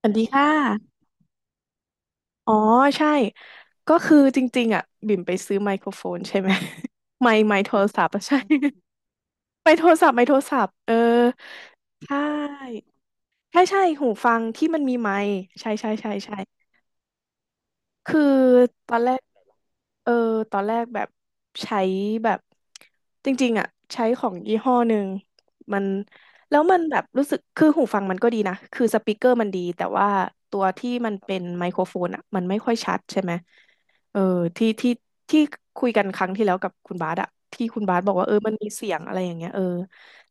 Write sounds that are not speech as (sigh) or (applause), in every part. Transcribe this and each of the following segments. สวัสดีค่ะ อ๋อใช่ ก็คือจริงๆอ่ะบิ่มไปซื้อไมโครโฟนใช่ไหม (laughs) ไมค์โทรศัพท์อะใช่ (laughs) ไมค์โทรศัพท์ไมค์โทรศัพท์ใช่ใช่ใช่หูฟังที่มันมีไมค์ใช่ใช่ใช่ใช่ คือตอนแรก เออ ตอนแรกแบบใช้แบบจริงๆอ่ะใช้ของยี่ห้อหนึ่งมันแล้วมันแบบรู้สึกคือหูฟังมันก็ดีนะคือสปีกเกอร์มันดีแต่ว่าตัวที่มันเป็นไมโครโฟนอ่ะมันไม่ค่อยชัดใช่ไหมเออที่ที่ที่คุยกันครั้งที่แล้วกับคุณบาสอะที่คุณบาสบอกว่ามันมีเสียงอะไรอย่างเงี้ย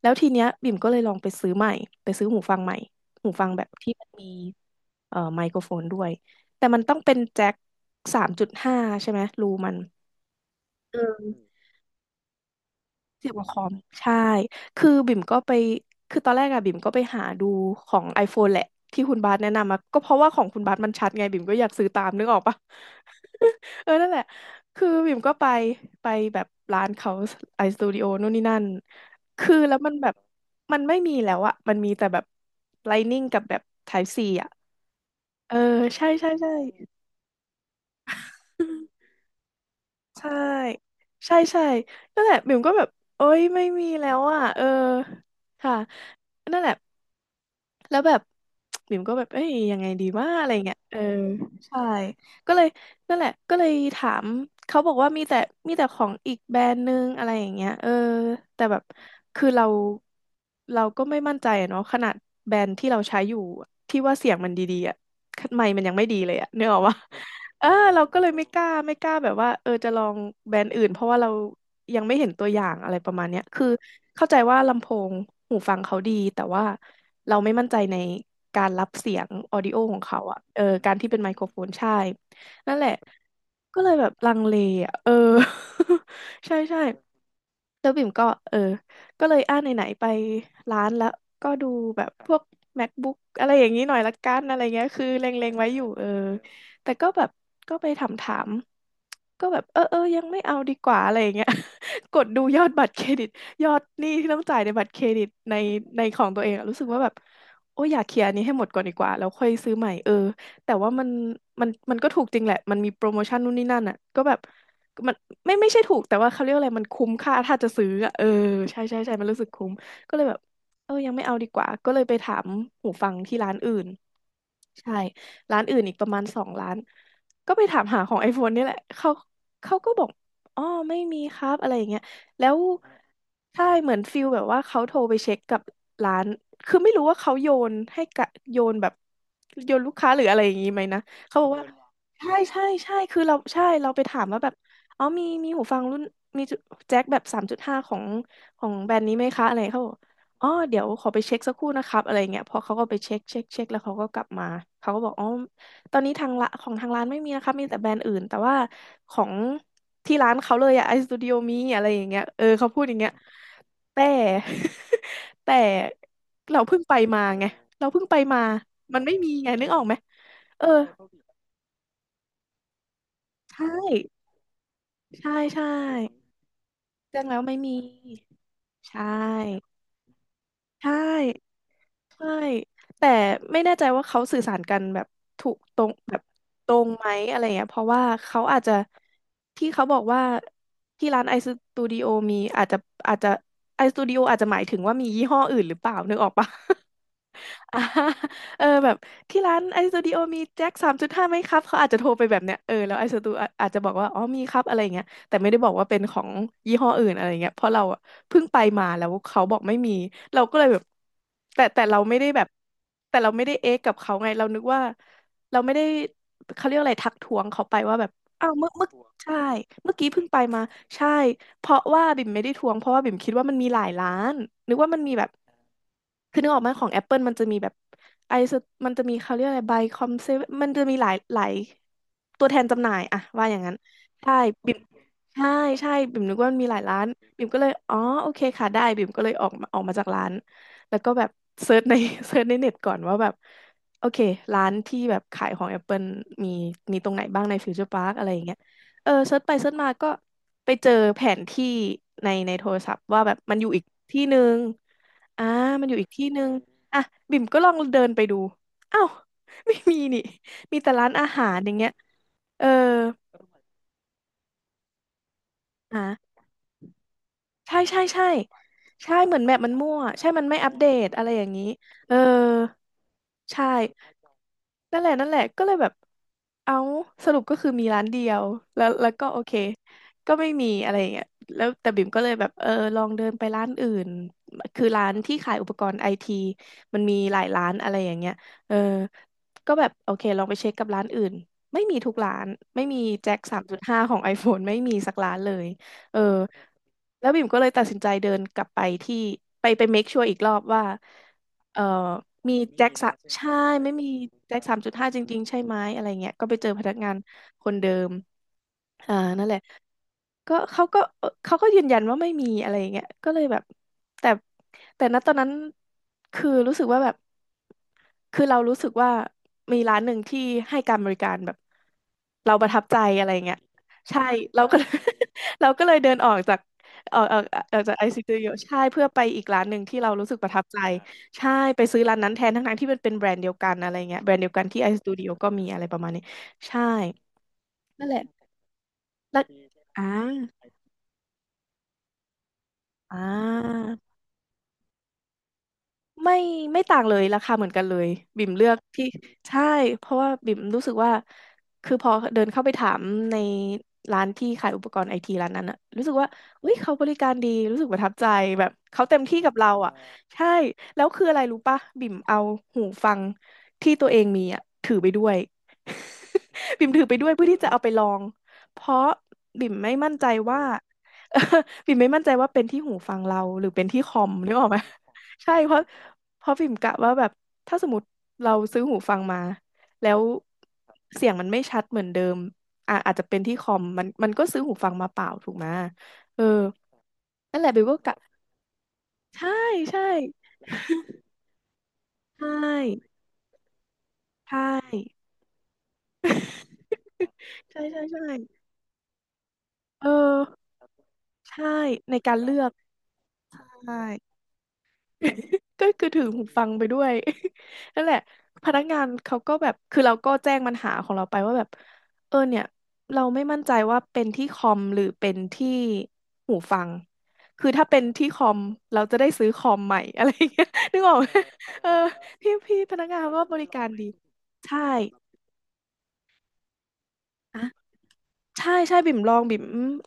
แล้วทีเนี้ยบิ่มก็เลยลองไปซื้อใหม่ไปซื้อหูฟังใหม่หูฟังแบบที่มันมีไมโครโฟนด้วย แต่มันต้องเป็นแจ็ค3.5ใช่ไหมรูมันเอืมเสียบกับคอมใช่ คือบิ่มก็ไป คือตอนแรกอะบิ่มก็ไปหาดูของ iPhone แหละที่คุณบาสแนะนำมาก็เพราะว่าของคุณบาสมันชัดไงบิ่มก็อยากซื้อตามนึกออกปะ (laughs) นั่นแหละ คือบิ่มก็ไป ไปแบบร้านเขาไอสตูดิโอนู่นนี่นั่น คือแล้วมันแบบมันไม่มีแล้วอะมันมีแต่แบบ Lightning กับแบบ Type C อะเออใช่ใช่ใช่ ใช่ใช่ใช่นั่นแหละบิ่มก็แบบโอ๊ยไม่มีแล้วอ่ะค่ะนั่นแหละแล้วแบบ (tsk) บิ่มก็แบบเอ้ยยังไงดีว่าอะไรเงี้ยใช่ก็เลยนั่นแหละก็เลยถามเขาบอกว่ามีแต่ของอีกแบรนด์นึงอะไรอย่างเงี้ยแต่แบบคือเราก็ไม่มั่นใจอะเนาะขนาดแบรนด์ที่เราใช้อยู่ที่ว่าเสียงมันดีๆอ่ะไมค์มันยังไม่ดีเลยอ่ะนึกออกปะ เออเราก็เลยไม่กล้าไม่กล้าแบบว่าจะลองแบรนด์อื่นเพราะว่าเรายังไม่เห็นตัวอย่างอะไรประมาณเนี้ยคือเข้าใจว่าลำโพงหูฟังเขาดีแต่ว่าเราไม่มั่นใจในการรับเสียงออดิโอของเขาอ่ะการที่เป็นไมโครโฟนใช่นั่นแหละก็เลยแบบลังเลอ่ะ (laughs) ใช่ใช่ แล้วบิ่มก็เออก็เลยไหนๆไปร้านแล้วก็ดูแบบพวก MacBook อะไรอย่างนี้หน่อยละกันอะไรเงี้ยคือเล็งๆไว้อยู่แต่ก็แบบก็ไปถามก็แบบเออยังไม่เอาดีกว่าอะไรอย่างเงี้ย (laughs) กดดูยอดบัตรเครดิตยอดหนี้ที่ต้องจ่ายในบัตรเครดิตในของตัวเองอะรู้สึกว่าแบบโอ้ยอยากเคลียร์อันนี้ให้หมดก่อนดีกว่าแล้วค่อยซื้อใหม่แต่ว่ามันมันก็ถูกจริงแหละมันมีโปรโมชั่นนู่นนี่นั่นอ่ะก็แบบ มันไม่ใช่ถูกแต่ว่าเขาเรียกอะไรมันคุ้มค่าถ้าจะซื้ออะใช่ใช่ใช่มันรู้สึกคุ้มก็เลยแบบยังไม่เอาดีกว่าก็เลยไปถามหูฟังที่ร้านอื่น ใช่ร้านอื่นอีกประมาณสองร้านก็ไปถามหาของ iPhone นี่แหละเขาเขาก็บอกอ๋อไม่มีครับอะไรอย่างเงี้ยแล้วใช่เหมือนฟิลแบบว่าเขาโทรไปเช็คกับร้านคือไม่รู้ว่าเขาโยนให้กะโยนแบบโยนลูกค้าหรืออะไรอย่างงี้ไหมนะเขาบอกว่าใช่ใช่ใช่คือเราใช่เราไปถามว่าแบบอ๋อมีมีหูฟังรุ่นมีแจ็คแบบสามจุดห้าของของแบรนด์นี้ไหมคะอะไรเขาบอก อ๋อเดี๋ยวขอไปเช็คสักครู่นะครับอะไรเงี้ยพอเขาก็ไปเช็คเช็คแล้วเขาก็กลับมาเขาก็บอกอ๋อตอนนี้ทางละของทางร้านไม่มีนะครับมีแต่แบรนด์อื่นแต่ว่าของที่ร้านเขาเลยอะไอสตูดิโอมีอะไรอย่างเงี้ยเขาพูดอย่างเงี้ยแต่ (laughs) แต่เราเพิ่งไปมาไงเราเพิ่งไปมามันไม่มีไงนึกออกไหมเออใช่ใช่ใช่แจ้งแล้วไม่มีใช่ใช่ ใช่แต่ไม่แน่ใจว่าเขาสื่อสารกันแบบถูกตรงแบบตรงไหมอะไรเงี้ยเพราะว่าเขาอาจจะที่เขาบอกว่าที่ร้านไอสตูดิโอมีอาจจะอาจจะไอสตูดิโออาจจะหมายถึงว่ามียี่ห้ออื่นหรือเปล่านึกออกปะ (laughs) อ่าเออแบบที่ร้านไอสตูดิโอมีแจ็คสามจุดห้าไหมครับเขาอาจจะโทรไปแบบเนี้ยเออแล้วไอสตูอาจจะบอกว่าอ๋อมีครับอะไรเงี้ยแต่ไม่ได้บอกว่าเป็นของยี่ห้ออื่นอะไรเงี้ยเพราะเราอะเพิ่งไปมาแล้วเขาบอกไม่มีเราก็เลยแบบแต่เราไม่ได้แบบแต่เราไม่ได้เอ๊ะกับเขาไงเรานึกว่าเราไม่ได้เขาเรียกอะไรทักท้วงเขาไปว่าแบบอ้าวเมื่อเมื่อัวใช่เมื่อกี้เพิ่งไปมาใช่เพราะว่าบิ่มไม่ได้ทวงเพราะว่าบิ่มคิดว่ามันมีหลายร้านนึกว่ามันมีแบบ คือนึกออกไหมของ Apple มันจะมีแบบไอซ์มันจะมีเขาเรียกอะไรไบคอมเซมันจะมีหลายตัวแทนจำหน่ายอะว่าอย่างนั้นใช่บิม ใช่ใช่บิ่มนึกว่ามนมีหลายร้านบิ่มก็เลยอ๋อโอเคค่ะได้บิ่มก็เลยออกมาจากร้านแล้วก็แบบเซิร์ชใน (laughs) เซิร์ชในเน็ตก่อนว่าแบบโอเคร้านที่แบบขายของ Apple มีมีตรงไหนบ้างในฟิวเจอร์พาร์คอะไรอย่างเงี้ยเออเซิร์ชไปเซิร์ชมาก็ไปเจอแผนที่ในโทรศัพท์ว่าแบบมันอยู่อีกที่หนึ่งอ่ามันอยู่อีกที่หนึ่งอ่ะบิ่มก็ลองเดินไปดูอ้าว (laughs) ไม่มีนี่มีแต่ร้านอาหารอย่างเงี้ยเอออ่า ใช่ใช่ใช่ใช่เหมือนแมปมันมั่วใช่มันไม่อัปเดตอะไรอย่างนี้เออใช่นั่นแหละนั่นแหละก็เลยแบบเอาสรุปก็คือมีร้านเดียวแล้วก็โอเคก็ไม่มีอะไรอย่างเงี้ยแล้วแต่บิ่มก็เลยแบบเออลองเดินไปร้านอื่นคือร้านที่ขายอุปกรณ์ไอทีมันมีหลายร้านอะไรอย่างเงี้ยเออก็แบบโอเคลองไปเช็คกับร้านอื่นไม่มีทุกร้านไม่มีแจ็คสามจุดห้าของ iPhone ไม่มีสักร้านเลย เออแล้วบิ่มก็เลยตัดสินใจเดินกลับไปที่ไปเมคชัวร์อีกรอบว่าเออมีแจ็คสะใช่ไม่มีแจ็คสามจุดห้าจริงๆใช่ไหมอะไรเงี้ยก็ไปเจอพนักงานคนเดิมอ่านั่นแหละ ก็เขาก็เขาก็ยืนยันว่าไม่มีอะไรอย่างเงี้ยก็เลยแบบแต่แต่ณตอนนั้นคือรู้สึกว่าแบบคือเรารู้สึกว่ามีร้านหนึ่งที่ให้การบริการแบบเราประทับใจอะไรอย่างเงี้ยใช่เราก็ (laughs) เรา (laughs) ก็เลยเดินออกจากออกออกออกจากไอซีตูดิโอใช่เพื่อไปอีกร้านหนึ่งที่เรารู้สึกประทับใจใช่ไปซื้อร้านนั้นแทนทั้งๆที่มันเป็นแบรนด์เดียวกันอะไรเงี้ยแบรนด์เดียวกันที่ไอสตูดิโอก็มีอะไรประมาณนี้ใช่นั่นแหละแล้วอ่าอ่า ไม่ไม่ต่างเลยราคาเหมือนกันเลยบิ่มเลือกที่ใช่เพราะว่าบิ่มรู้สึกว่าคือพอเดินเข้าไปถามในร้านที่ขายอุปกรณ์ไอทีร้านนั้นอะรู้สึกว่าเฮ้ยเขาบริการดีรู้สึกประทับใจแบบเขาเต็มที่กับเราอะใช่แล้วคืออะไรรู้ปะบิ่มเอาหูฟังที่ตัวเองมีอะถือไปด้วย (laughs) บิ่มถือไปด้วยเพื่อที่จะเอาไปลองเพราะบิ่มไม่มั่นใจว่า (laughs) บิ่มไม่มั่นใจว่าเป็นที่หูฟังเราหรือเป็นที่คอมนึกออกไหม ใช่เพราะพิมกะว่าแบบถ้าสมมติเราซื้อหูฟังมาแล้วเสียงมันไม่ชัดเหมือนเดิมอ่ะอาจจะเป็นที่คอมมันก็ซื้อหูฟังมาเปล่าถูกไหมเออนั่นแหละเบิวก็กะใช่ใช่ใช่ใช่ใช่ใช่ใช่เออใช่ในการเลือกใช่ (laughs) ก็คือถือหูฟังไปด้วย (laughs) นั่นแหละพนักงานเขาก็แบบคือเราก็แจ้งปัญหาของเราไปว่าแบบเออเนี่ยเราไม่มั่นใจว่าเป็นที่คอมหรือเป็นที่หูฟังคือถ้าเป็นที่คอมเราจะได้ซื้อคอมใหม่ (laughs) อะไรอย่างเงี้ยนึกออกไหมเออพี่พนักงานเขาก็บริการดีใช่อ่ะ ใช่ใช่บิ่มลองบิ่ม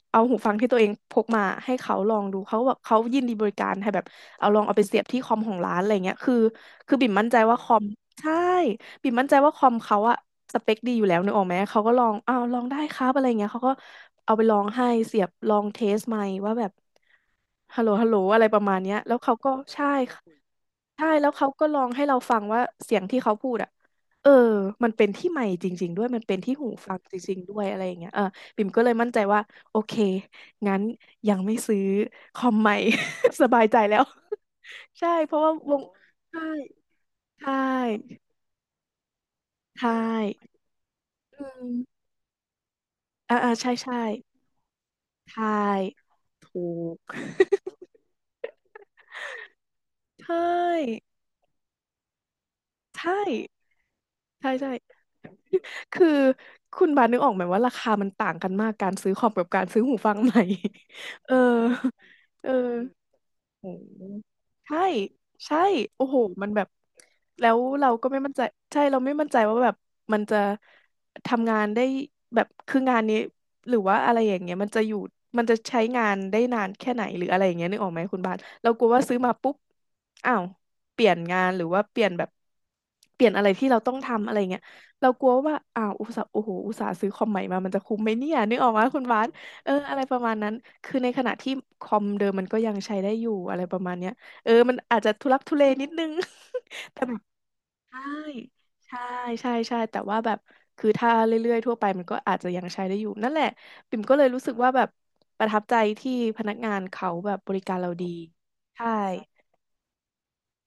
เอาหูฟังที่ตัวเองพกมาให้เขาลองดูเขาก็แบบเขายินดีบริการให้แบบเอาลองเอาไปเสียบที่คอมของร้านอะไรเงี้ยคือบิ่มมั่นใจว่าคอมใช่บิ่มมั่นใจว่าคอมเขาอะสเปคดีอยู่แล้วนึกออกไหมเขาก็ลองอ้าวลองได้ครับอะไรเงี้ยเขาก็เอาไปลองให้เสียบลองเทสไมค์ว่าแบบฮัลโหลฮัลโหลอะไรประมาณเนี้ยแล้วเขาก็ใช่ ใช่แล้วเขาก็ลองให้เราฟังว่าเสียงที่เขาพูดอ่ะเออมันเป็นที่ไมค์จริงๆด้วยมันเป็นที่หูฟังจริงๆด้วยอะไรอย่างเงี้ยเออบิ่มก็เลยมั่นใจว่าโอเคงั้นยังไม่ซื้อคอมใหม่ (laughs) สบายใจแล้ว (laughs) ใช่เพราะว่าวงใช่ใช่ใช่อืมอ่าอ่าใช่ใช่ใช่ถูก (laughs) ใช่ใช่ใช่ใช่ คือคุณบาสนึกออกไหมว่าราคามันต่างกันมากการซื้อคอมกับการซื้อหูฟังใหม่ (laughs) เออเออ โหใช่ใช่โอ้โหมันแบบแล้วเราก็ไม่มั่นใจใช่เราไม่มั่นใจว่าแบบมันจะทำงานได้แบบคืองานนี้หรือว่าอะไรอย่างเงี้ยมันจะอยู่มันจะใช้งานได้นานแค่ไหนหรืออะไรอย่างเงี้ยนึกออกไหมคุณบาสเรากลัวว่าซื้อมาปุ๊บอ้าวเปลี่ยนงานหรือว่าเปลี่ยนแบบเปลี่ยนอะไรที่เราต้องทำอะไรเงี้ยเรากลัวว่าอ้าวอุตส่าห์โอ้โหอุตส่าห์ซื้อคอมใหม่มามันจะคุ้มไหมเนี่ยนึกออกไหมคุณบาส เอออะไรประมาณนั้นคือในขณะที่คอมเดิมมันก็ยังใช้ได้อยู่อะไรประมาณเนี้ยเออมันอาจจะทุลักทุเลนิดนึง (laughs) แต่แบบใช่ใช่ใช่ใช่แต่ว่าแบบคือถ้าเรื่อยๆทั่วไปมันก็อาจจะยังใช้ได้อยู่นั่นแหละปิ่มก็เลยรู้สึกว่าแบบประทับใจที่พนักงานเขาแบบบริการเราดีใช่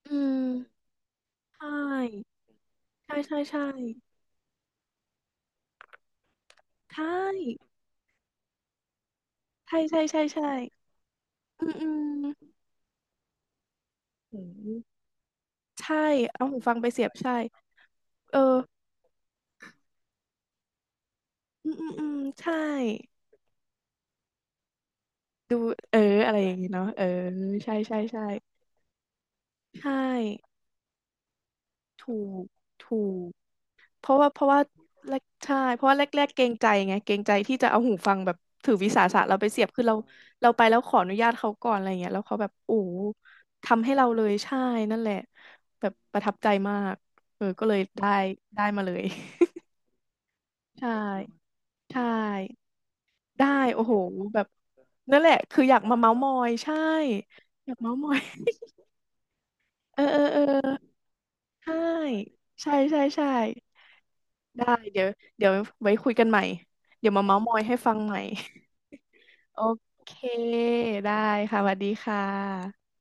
อืมใช่ใช่ใช่ใช่ใช่ใช่ใช่ใช่ใช่อืมอืมใช่เอาหูฟังไปเสียบใช่เออ อืมอืมอืมใช่เอออะไรอย่างงี้เนาะเออใช่ใช่ใช่ใช่ถูกถูกเพราะว่าเพราะว่าแรกใช่เพราะว่าแรกแรกเกรงใจไงเกรงใจที่จะเอาหูฟังแบบถือวิสาสะเราไปเสียบคือเราเราไปแล้วขออนุญาตเขาก่อนอะไรเงี้ยแล้วเขาแบบโอ้โหทำให้เราเลยใช่นั่นแหละแบบประทับใจมากเออก็เลยได้ได้มาเลย (laughs) ใช่ใช่ได้โอ้โหแบบนั่นแหละคืออยากมาเม้าท์มอยใช่อยากเม้าท์มอย เออเออเออใช่ใช่ใช่ใช่ได้เดี๋ยวเดี๋ยวไว้คุยกันใหม่เดี๋ยวมาเม้าท์มอยให้ฟังใหม่โอเคได้ค่ะสวัสดีค่ะ